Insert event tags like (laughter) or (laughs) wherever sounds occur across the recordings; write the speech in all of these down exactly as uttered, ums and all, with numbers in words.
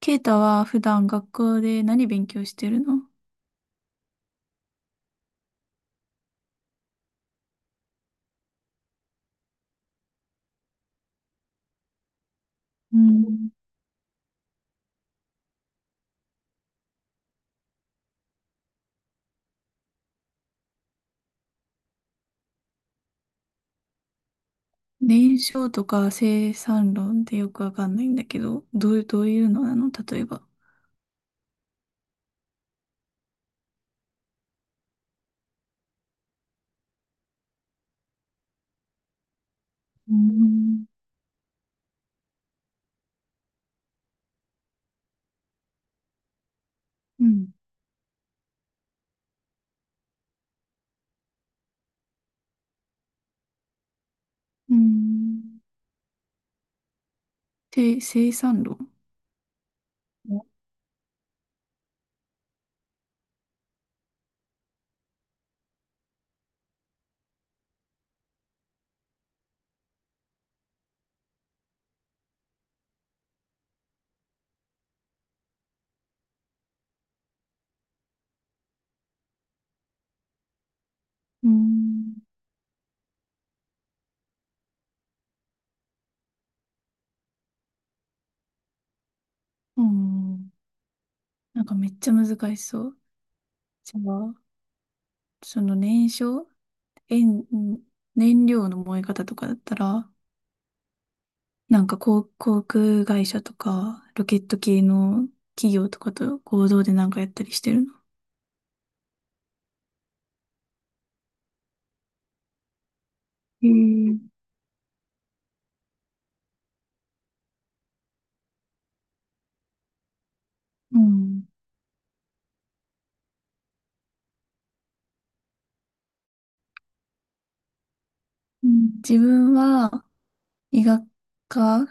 ケイタは普段学校で何勉強してるの？うん、燃焼とか生産論ってよくわかんないんだけど、どういう、どういうのなの、例えば。うん。うん。うん。て生産論。うん。うん。なんかめっちゃ難しそう。じゃあ、その燃焼、えん燃料の燃え方とかだったら、なんか航、航空会社とか、ロケット系の企業とかと合同でなんかやったりしてるの？へえ。うん。うん、自分は医学科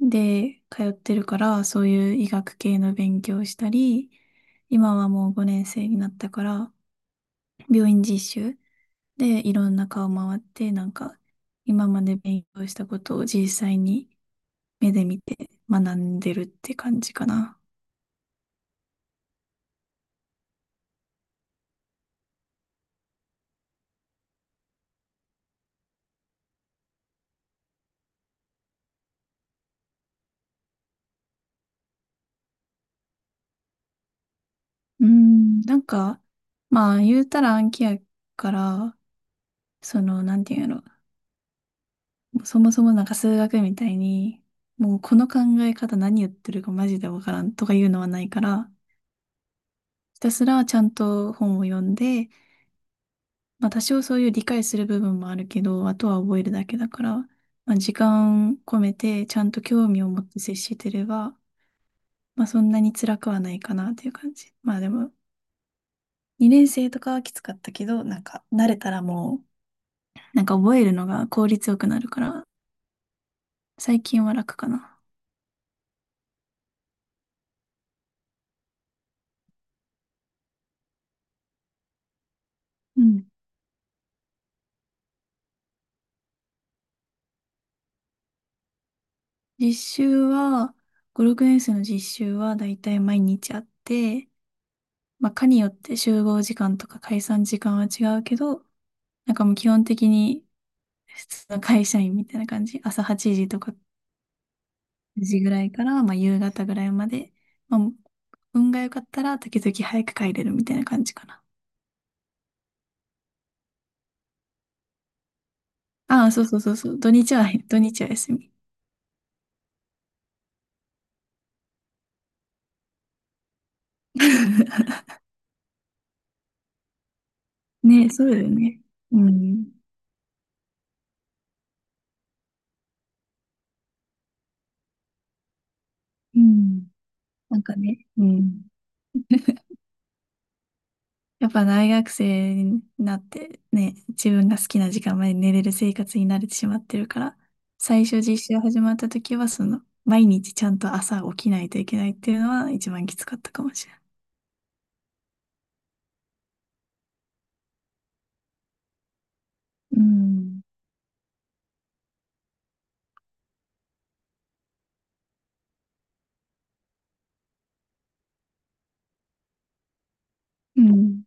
で通ってるから、そういう医学系の勉強をしたり、今はもうごねん生になったから、病院実習でいろんな顔回って、なんか今まで勉強したことを実際に目で見て学んでるって感じかな。うーん、なんか、まあ、言うたら暗記やから、その、なんていうんやろ。そもそもなんか数学みたいに、もうこの考え方何言ってるかマジでわからんとかいうのはないから、ひたすらちゃんと本を読んで、まあ多少そういう理解する部分もあるけど、あとは覚えるだけだから、まあ時間込めてちゃんと興味を持って接してれば、まあそんなに辛くはないかなっていう感じ。まあでも、にねん生とかはきつかったけど、なんか慣れたらもう、なんか覚えるのが効率よくなるから、最近は楽かな。うん。実習は、ご、ろくねん生の実習はだいたい毎日あって、まあ、科によって集合時間とか解散時間は違うけど、なんかもう基本的に普通の会社員みたいな感じ。朝はちじとか、時ぐらいから、まあ、夕方ぐらいまで。まあ、運が良かったら時々早く帰れるみたいな感じかな。ああ、そうそうそうそう。土日は、土日は休み。(laughs) ね、そうだよね。うん。うん。なんかね、うん。やっぱ大学生になってね、自分が好きな時間まで寝れる生活に慣れてしまってるから、最初実習始まった時は、その、毎日ちゃんと朝起きないといけないっていうのは一番きつかったかもしれない。うん。うん。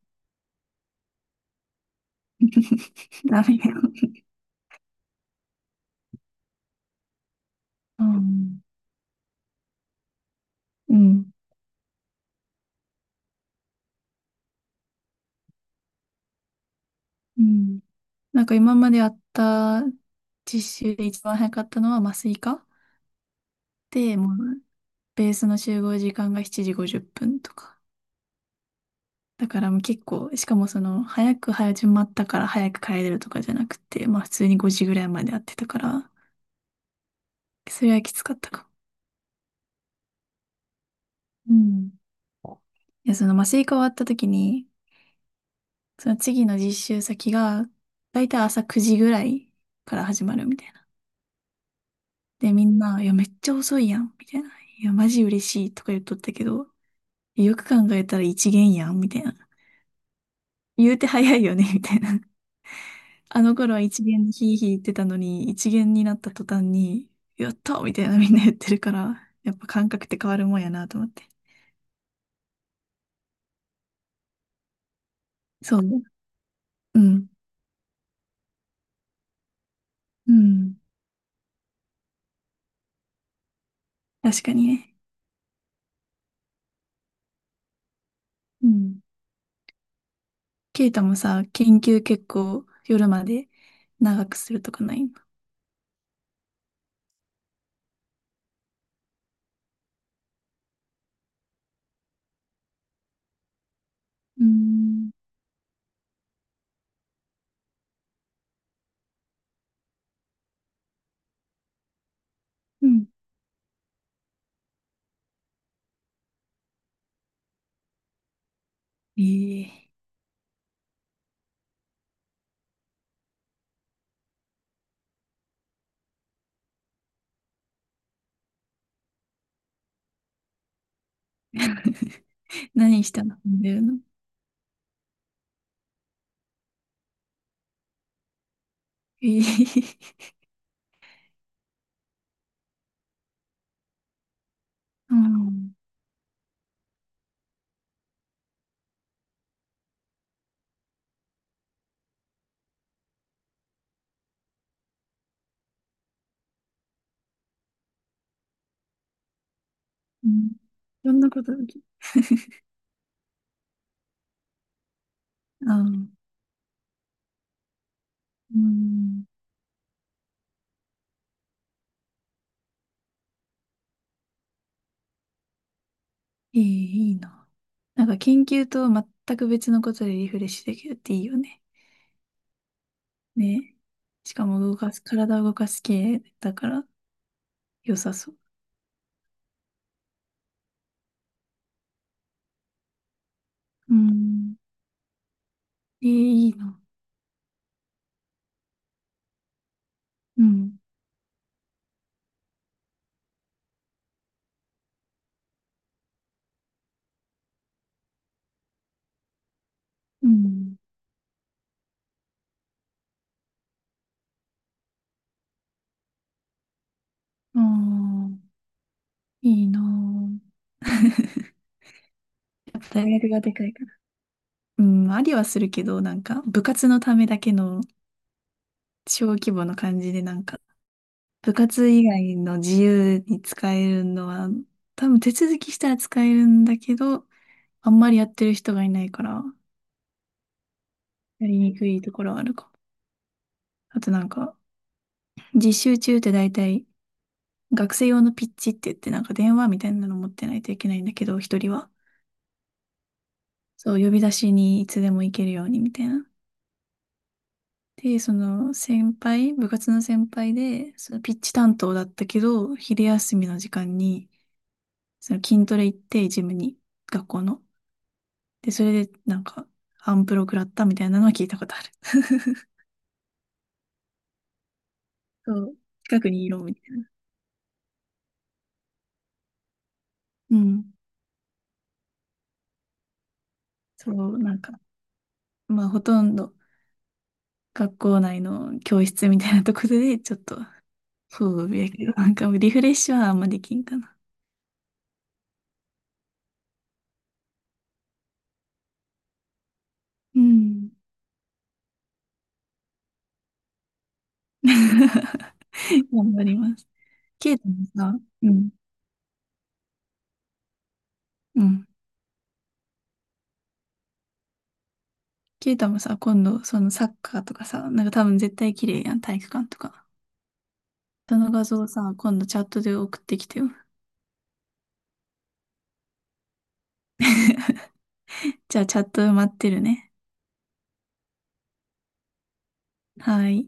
(laughs) ダメよ。うん。うん。うん。なんか今までやった実習で一番早かったのは麻酔科で、もうベースの集合時間がしちじごじゅっぷんとか。だからもう結構、しかもその、早く始まったから早く帰れるとかじゃなくて、まあ普通にごじぐらいまでやってたから、それはきつかったかも。うん。いや、その麻酔科終わった時に、その次の実習先が、だいたい朝くじぐらいから始まるみたいな。で、みんな、いや、めっちゃ遅いやん、みたいな。いや、マジ嬉しいとか言っとったけど、よく考えたら一限やん、みたいな。言うて早いよね、みたいな。あの頃は一元でヒーヒー言ってたのに、一元になった途端に、やったみたいなみんな言ってるから、やっぱ感覚って変わるもんやなと思って。そうね。うん。うん。確かにね。うん。ケイタもさ、研究結構夜まで長くするとかないの？うーん。うん。ええ。 (laughs) 何したの？飲んでるの？ええ。うん。うん。いろんなことある。ああ。うん。ええ、いいな。なんか研究と全く別のことでリフレッシュできるっていいよね。ね。しかも動かす、体を動かす系だから良さそう。うん。ええ、いいな。うん。うん。ああ、いいな。やっぱ大学がでかいから。うん、ありはするけど、なんか部活のためだけの小規模の感じで、なんか部活以外の自由に使えるのは、多分手続きしたら使えるんだけど、あんまりやってる人がいないから、やりにくいところはあるかも。あとなんか、実習中って大体、学生用のピッチって言って、なんか電話みたいなの持ってないといけないんだけど、一人は。そう、呼び出しにいつでも行けるようにみたいな。で、その先輩、部活の先輩で、そのピッチ担当だったけど、昼休みの時間に、その筋トレ行って、ジムに、学校の。で、それで、なんか、アンプロ食らったみたいなのは聞いたことある。(laughs) そう、近くにいろみたいな。うん。そう、なんか、まあ、ほとんど学校内の教室みたいなところで、(laughs) ちょっと、そうやけど、なんかリフレッシュはあんまできんかな。うん。(laughs) 頑張ります。ケイタもさ、うん、うん。ケイタもさ、今度、そのサッカーとかさ、なんか多分絶対綺麗やん、体育館とか。その画像さ、今度チャットで送ってきてよ。じゃあチャット待ってるね。はい。